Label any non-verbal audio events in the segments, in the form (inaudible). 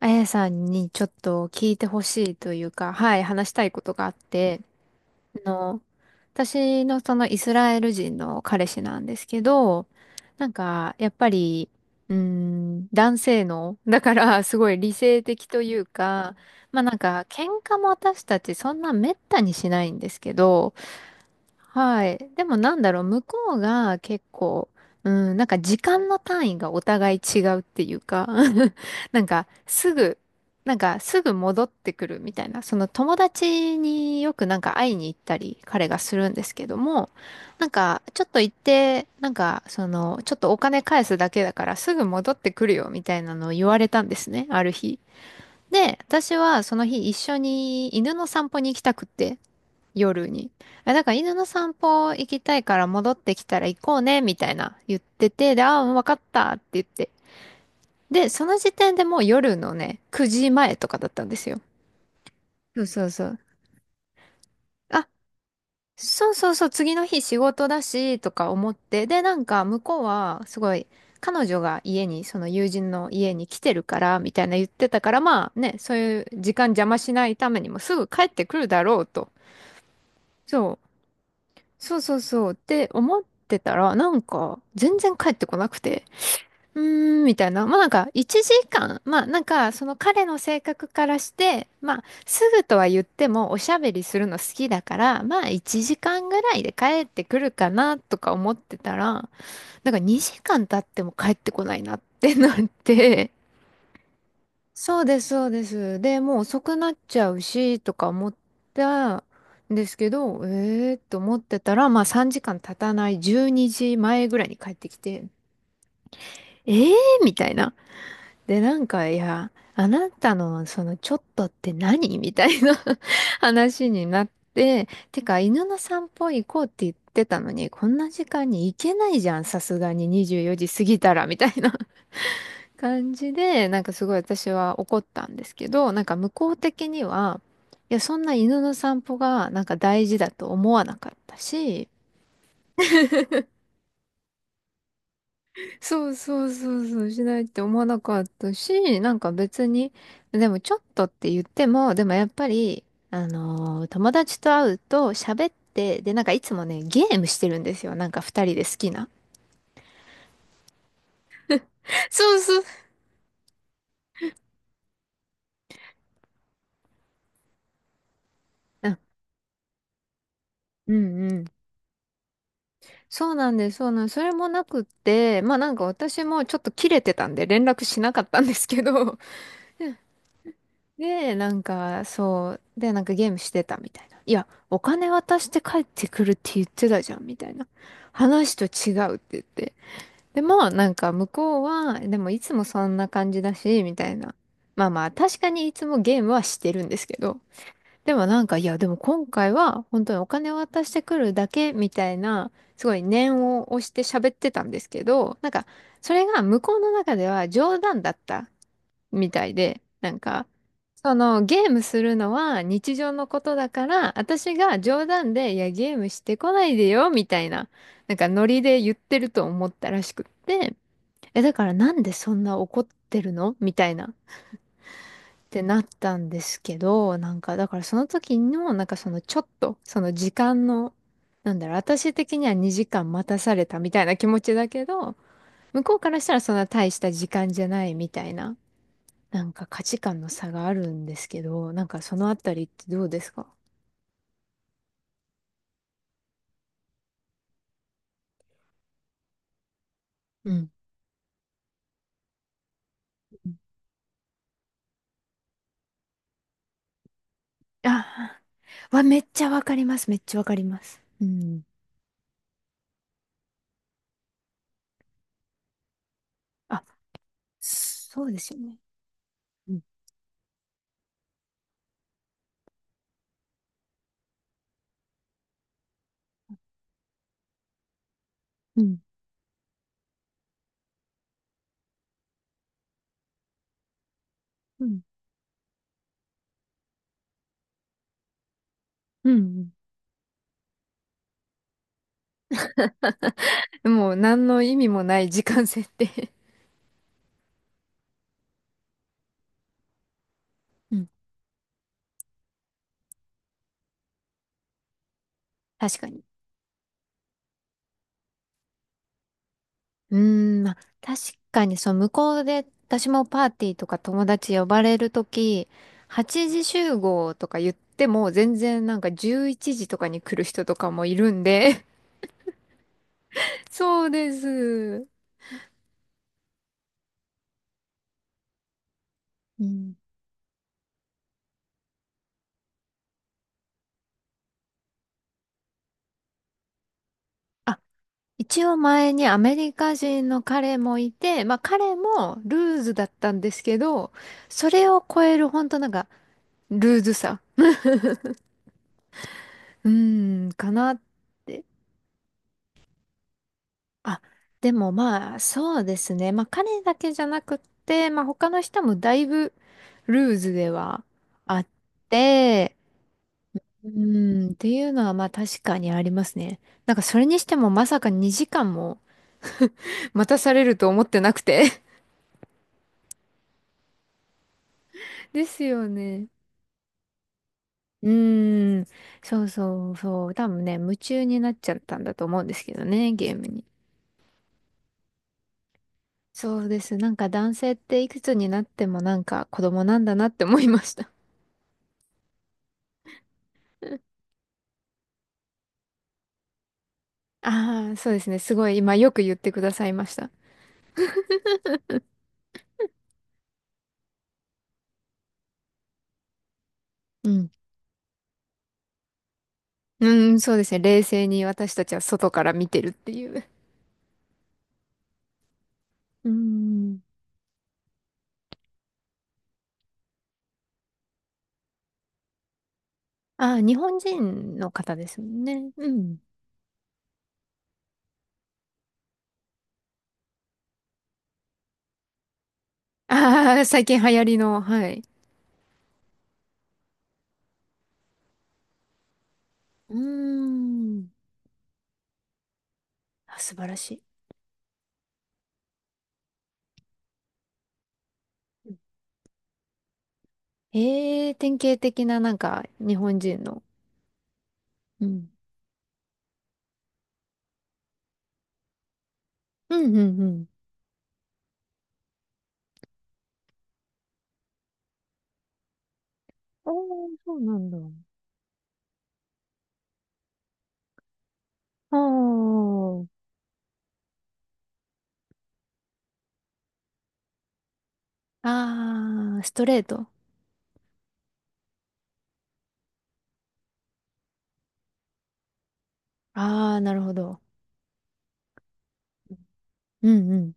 あやさんにちょっと聞いてほしいというか、はい、話したいことがあって、あの、私のそのイスラエル人の彼氏なんですけど、なんか、やっぱり、うーん、男性の、だからすごい理性的というか、まあなんか、喧嘩も私たちそんな滅多にしないんですけど、はい。でもなんだろう、向こうが結構、うん、なんか時間の単位がお互い違うっていうか、(laughs) なんかすぐ、なんかすぐ戻ってくるみたいな、その友達によくなんか会いに行ったり彼がするんですけども、なんかちょっと行って、ちょっとお金返すだけだからすぐ戻ってくるよみたいなのを言われたんですね、ある日。で、私はその日一緒に犬の散歩に行きたくって、夜に。あ、だから犬の散歩行きたいから戻ってきたら行こうね、みたいな言ってて、で、ああ、わかったって言って。で、その時点でもう夜のね、9時前とかだったんですよ。そうそうそう。あ、そうそうそう、次の日仕事だし、とか思って。で、なんか向こうは、すごい、彼女が家に、その友人の家に来てるから、みたいな言ってたから、まあね、そういう時間邪魔しないためにもすぐ帰ってくるだろうと。そうそうそうそうって思ってたら、なんか全然帰ってこなくて、うーん、みたいな。まあなんか1時間、まあなんかその彼の性格からして、まあすぐとは言ってもおしゃべりするの好きだから、まあ1時間ぐらいで帰ってくるかなとか思ってたら、なんか2時間経っても帰ってこないなってなって、そうです、そうです。で、もう遅くなっちゃうし、とか思ったんですけど、えーと思ってたら、まあ3時間経たない12時前ぐらいに帰ってきて、えーみたいな。で、なんか、いや、あなたのそのちょっとって何 (laughs) みたいな (laughs) 話になって、てか、犬の散歩行こうって言ってたのに、こんな時間に行けないじゃん、さすがに24時過ぎたら、みたいな感じで、なんかすごい私は怒ったんですけど、なんか向こう的には、いや、そんな犬の散歩がなんか大事だと思わなかったし、そうそうそうそう、しないって思わなかったし、なんか別に、でもちょっとって言っても、でもやっぱり、友達と会うと喋って、で、なんかいつもね、ゲームしてるんですよ。なんか二人で好きな。そうそう。うんうんうん。そうなんです、そうなんです。それもなくって、まあなんか私もちょっと切れてたんで連絡しなかったんですけど、(laughs) で、なんかそう、で、なんかゲームしてたみたいな。いや、お金渡して帰ってくるって言ってたじゃん、みたいな。話と違うって言って。でも、なんか向こうは、でもいつもそんな感じだし、みたいな。まあまあ、確かにいつもゲームはしてるんですけど、でもなんか、いや、でも今回は本当にお金を渡してくるだけみたいな、すごい念を押して喋ってたんですけど、なんか、それが向こうの中では冗談だったみたいで、なんか、そのゲームするのは日常のことだから、私が冗談で、いや、ゲームしてこないでよ、みたいな、なんかノリで言ってると思ったらしくって、え、だからなんでそんな怒ってるのみたいな。ってなったんですけど、なんか、だからその時の、なんかそのちょっと、その時間の、なんだろう、私的には2時間待たされたみたいな気持ちだけど、向こうからしたらそんな大した時間じゃないみたいな、なんか価値観の差があるんですけど、なんかそのあたりってどうですか？うん。ああ、わ、めっちゃわかります。めっちゃわかります。うん。あ、そうですよね。うん。うん。うん。うん。もう何の意味もない時間設定。確かに。うーん、まあ、確かに、そう、向こうで、私もパーティーとか友達呼ばれるとき、8時集合とか言っても、全然なんか11時とかに来る人とかもいるんで。(laughs) そうです。うん。あ、一応前にアメリカ人の彼もいて、まあ彼もルーズだったんですけど、それを超える本当なんか、ルーズさ。うーん、かなって。あ、でもまあ、そうですね。まあ、彼だけじゃなくって、まあ、他の人もだいぶルーズではあって、うん、っていうのはまあ確かにありますね。なんかそれにしてもまさか2時間も (laughs) 待たされると思ってなくて。 (laughs) ですよね。うーん、そうそうそう。多分ね、夢中になっちゃったんだと思うんですけどね、ゲームに。そうです。なんか男性っていくつになってもなんか子供なんだなって思いました。ああ、そうですね。すごい、今よく言ってくださいました。うん。うん、そうですね。冷静に私たちは外から見てるっていう。うん。ああ、日本人の方ですもんね。うん。ああ、最近流行りの、はい。うん。あ、素晴らしい。ええ、典型的ななんか日本人の。うん。うんうんうん。おー、そうなんだ。おー。ああ、ストレート。ああ、なるほど。うんうん。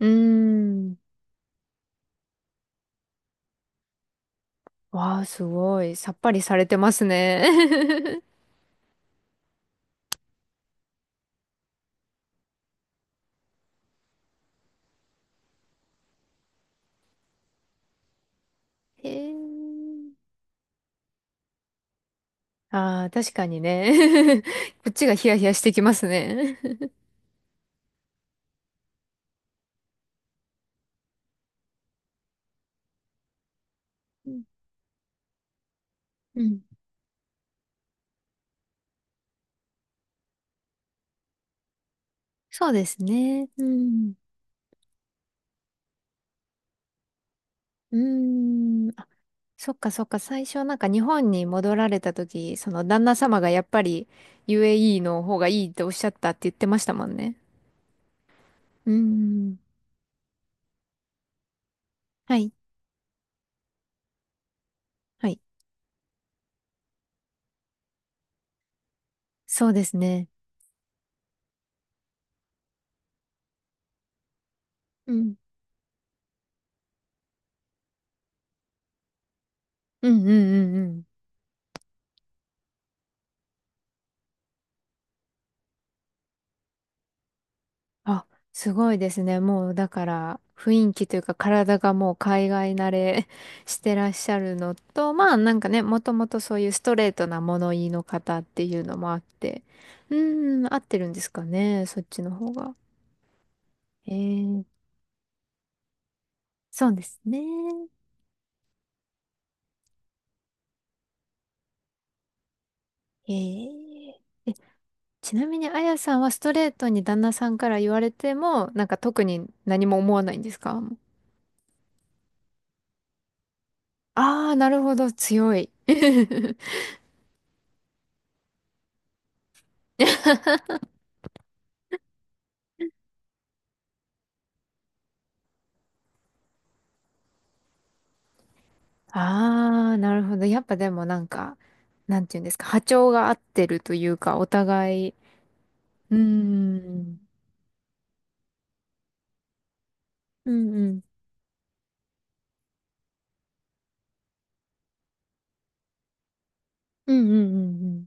うーん。わあ、すごい。さっぱりされてますね。(laughs) へえ。ああ、確かにね。(laughs) こっちがヒヤヒヤしてきますね。(laughs) うんうん、そうですね。うん。うーん。あ、そっかそっか。最初なんか日本に戻られた時、その旦那様がやっぱり UAE の方がいいっておっしゃったって言ってましたもんね。うーん。はい。はい。そうですね。うん。うんうんうんうん。あ、すごいですね。もうだから雰囲気というか体がもう海外慣れ (laughs) してらっしゃるのと、まあなんかね、もともとそういうストレートな物言いの方っていうのもあって、うーん、合ってるんですかね、そっちの方が。えー、そうですね。えー、え、ちなみにあやさんはストレートに旦那さんから言われても、なんか特に何も思わないんですか？ああー、なるほど、強い。(laughs) ああ、なるほど。やっぱでもなんか、なんていうんですか、波長が合ってるというか、お互い、うーん、うんうん、うんうんうんうん。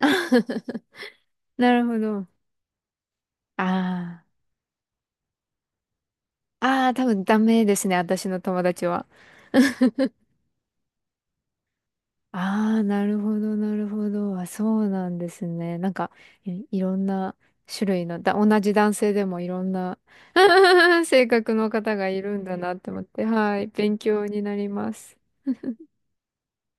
(laughs) なるほど。ああ、ああ、多分ダメですね、私の友達は。(laughs) ああ、なるほど、なるほど。あ、そうなんですね。なんか、い、いろんな種類の、だ、同じ男性でもいろんな (laughs) 性格の方がいるんだなって思って、はい、勉強になります。